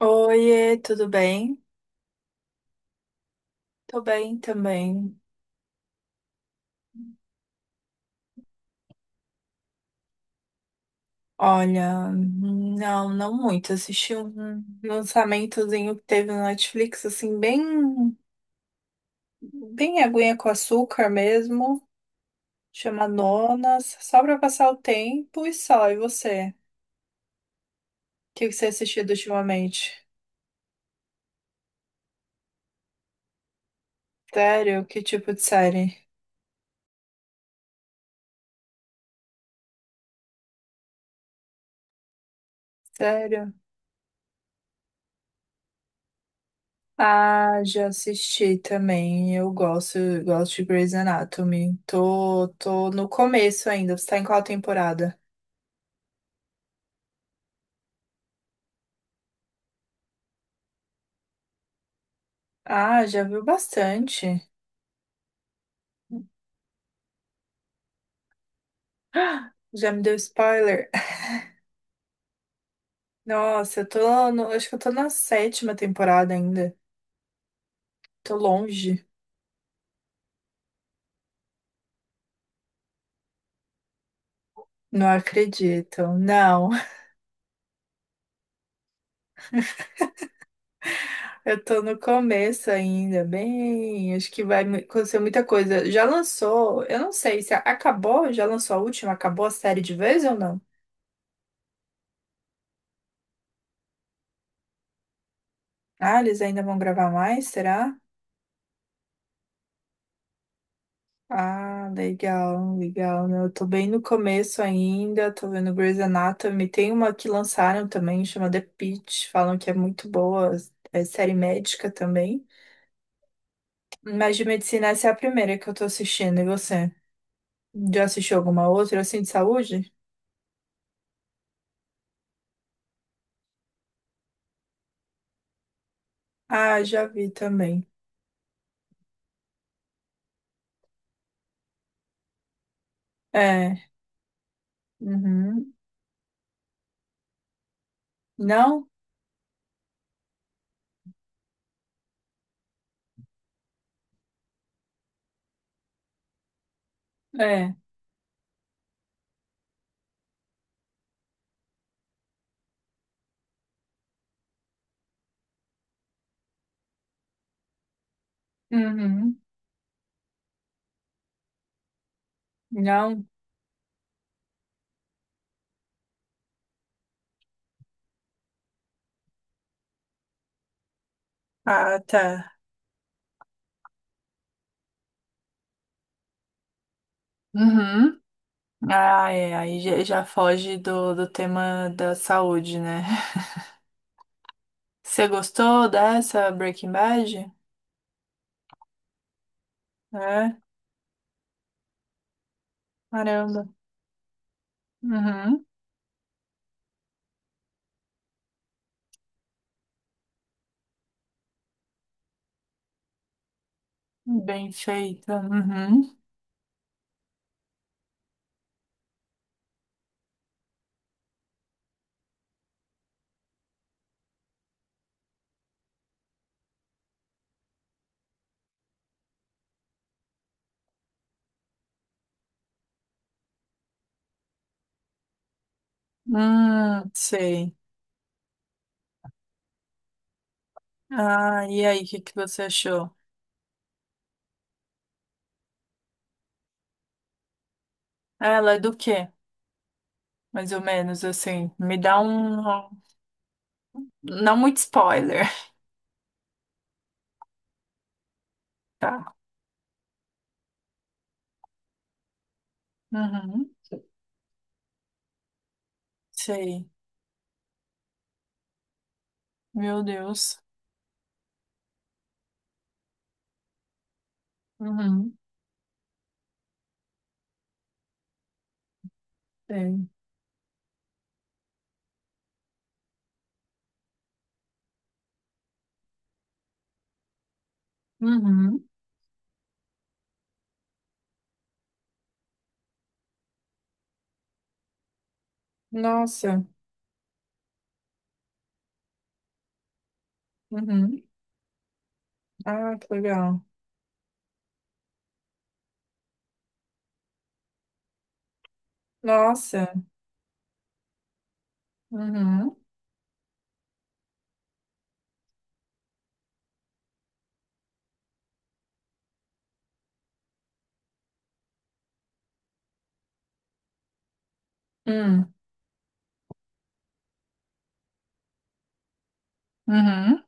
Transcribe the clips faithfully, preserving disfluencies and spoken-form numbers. Oiê, tudo bem? Tô bem também. Olha, não, não muito. Assisti um lançamentozinho que teve no Netflix, assim, bem, bem aguinha com açúcar mesmo. Chama Nonas, só pra passar o tempo e só. E você? O que que você assistiu ultimamente? Sério? Que tipo de série? Sério? Ah, já assisti também. Eu gosto, eu gosto de Grey's Anatomy. Tô, tô no começo ainda. Você tá em qual temporada? Ah, já viu bastante. Ah, já me deu spoiler. Nossa, eu tô no, acho que eu tô na sétima temporada ainda. Tô longe. Não acredito. Não, eu tô no começo ainda. Bem, acho que vai mu- acontecer muita coisa. Já lançou, eu não sei se a- acabou, já lançou a última, acabou a série de vez ou não? Ah, eles ainda vão gravar mais, será? Ah, legal, legal, né? Eu tô bem no começo ainda, tô vendo Grey's Anatomy. Tem uma que lançaram também, chama The Pitt, falam que é muito boa, é série médica também. Mas de medicina, essa é a primeira que eu tô assistindo, e você? Já assistiu alguma outra, assim, de saúde? Ah, já vi também. É, uhum. Não? É, uhum. Não? Ah, tá. Uhum. Ah, é, aí já já foge do, do tema da saúde, né? Você gostou dessa Breaking Bad? É, caramba. Uhum. Bem feita. Uhum. Hum, sei. Ah, e aí, o que que você achou? Ela é do quê? Mais ou menos assim. Me dá um. Não muito spoiler. Tá. Uhum. Sei. Meu Deus. Uhum. Sei. Uhum. Nossa. Uhum. Ah, que legal. Nossa. Uhum. Hum. Uhum.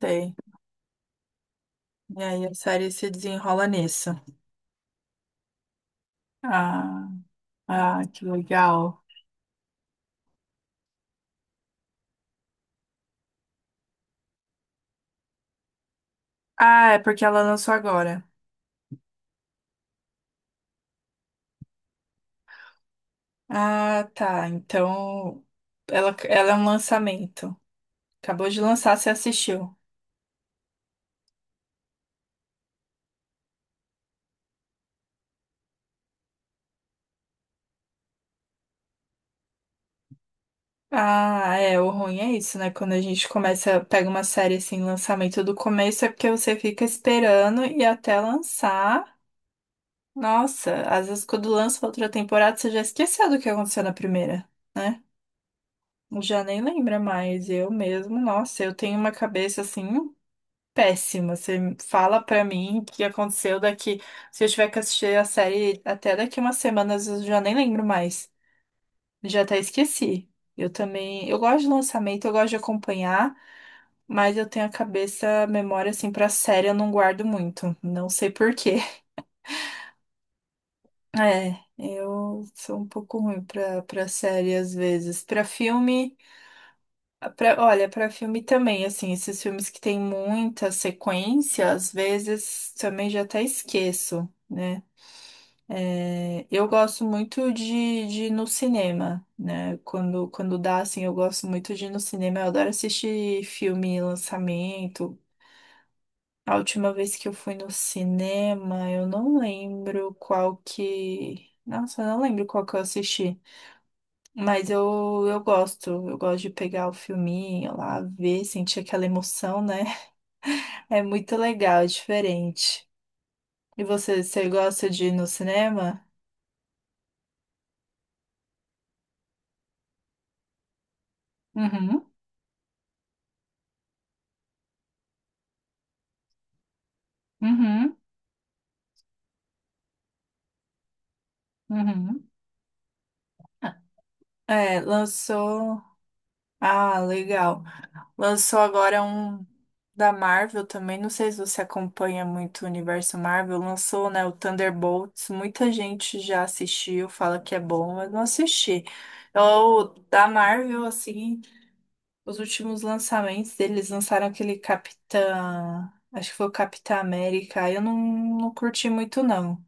Sei. E aí a série se desenrola nisso. Ah, ah, que legal. Ah, é porque ela lançou agora. Ah, tá. Então ela, ela é um lançamento. Acabou de lançar, você assistiu. Ah, é, o ruim é isso, né? Quando a gente começa, pega uma série assim, lançamento do começo, é porque você fica esperando e até lançar. Nossa, às vezes quando lança outra temporada, você já esqueceu do que aconteceu na primeira, né? Já nem lembra mais, eu mesmo, nossa, eu tenho uma cabeça assim péssima. Você fala pra mim o que aconteceu daqui. Se eu tiver que assistir a série até daqui umas semanas, eu já nem lembro mais. Já até esqueci. Eu também, eu gosto de lançamento, eu gosto de acompanhar, mas eu tenho a cabeça, a memória assim pra série, eu não guardo muito. Não sei por quê. É, eu sou um pouco ruim pra, pra série às vezes. Pra filme. Pra- olha, para filme também, assim, esses filmes que tem muita sequência, às vezes também já até esqueço, né? É, eu gosto muito de, de ir no cinema, né? Quando, quando dá, assim, eu gosto muito de ir no cinema. Eu adoro assistir filme, lançamento. A última vez que eu fui no cinema, eu não lembro qual que. Nossa, eu não lembro qual que eu assisti. Mas eu, eu gosto, eu gosto de pegar o filminho lá, ver, sentir aquela emoção, né? É muito legal, é diferente. E você, você gosta de ir no cinema? Uhum, uhum, uhum. É, lançou. Ah, legal. Lançou agora um da Marvel também. Não sei se você acompanha muito o universo Marvel. Lançou, né, o Thunderbolts. Muita gente já assistiu, fala que é bom, mas não assisti. Eu, da Marvel, assim. Os últimos lançamentos deles lançaram aquele Capitã. Acho que foi o Capitã América. Eu não, não curti muito, não.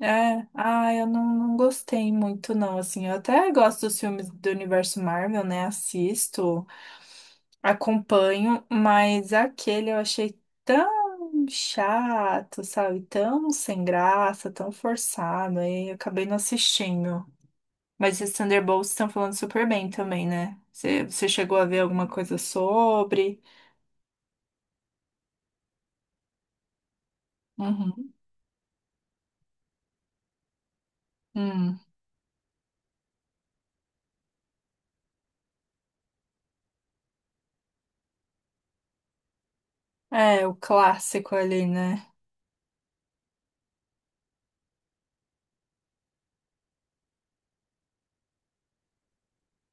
É, ah, eu não, não gostei muito, não. Assim, eu até gosto dos filmes do universo Marvel, né? Assisto, acompanho, mas aquele eu achei tão chato, sabe? Tão sem graça, tão forçado. Aí eu acabei não assistindo. Mas esses Thunderbolts estão falando super bem também, né? Você, você chegou a ver alguma coisa sobre? Uhum. Hum. É, o clássico ali, né?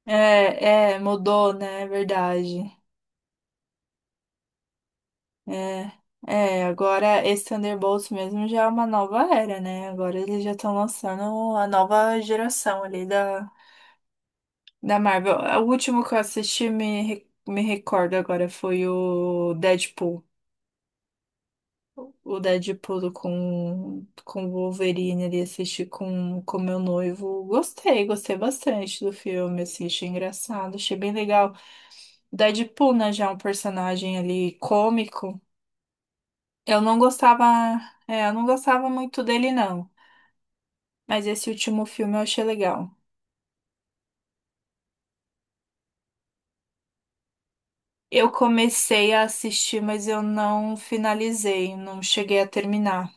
É, é, mudou, né? É verdade. É, é, agora esse Thunderbolts mesmo já é uma nova era, né? Agora eles já estão lançando a nova geração ali da, da Marvel. É, o último que eu assisti, me, re- me recordo agora, foi o Deadpool. O Deadpool com, com o Wolverine ali, assisti com com meu noivo. Gostei, gostei bastante do filme, assim, achei engraçado, achei bem legal. Deadpool, né, já é um personagem ali cômico. Eu não gostava, é, eu não gostava muito dele, não. Mas esse último filme eu achei legal. Eu comecei a assistir, mas eu não finalizei, não cheguei a terminar.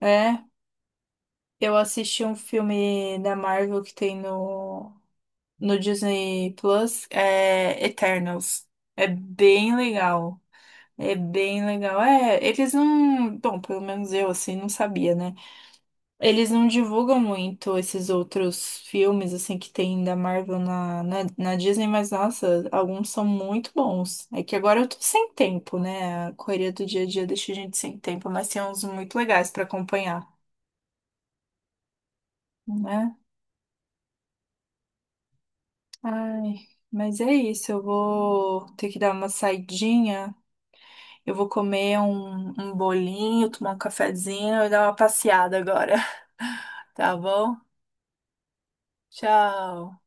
É, eu assisti um filme da Marvel que tem no, no Disney Plus, é Eternals. É bem legal. É bem legal. É, eles não. Bom, pelo menos eu, assim, não sabia, né? Eles não divulgam muito esses outros filmes, assim, que tem da Marvel na, na, na Disney, mas, nossa, alguns são muito bons. É que agora eu tô sem tempo, né? A correria do dia a dia deixa a gente sem tempo, mas tem uns muito legais pra acompanhar, né? Ai, mas é isso, eu vou ter que dar uma saidinha, eu vou comer um, um bolinho, tomar um cafezinho e dar uma passeada agora, tá bom? Tchau!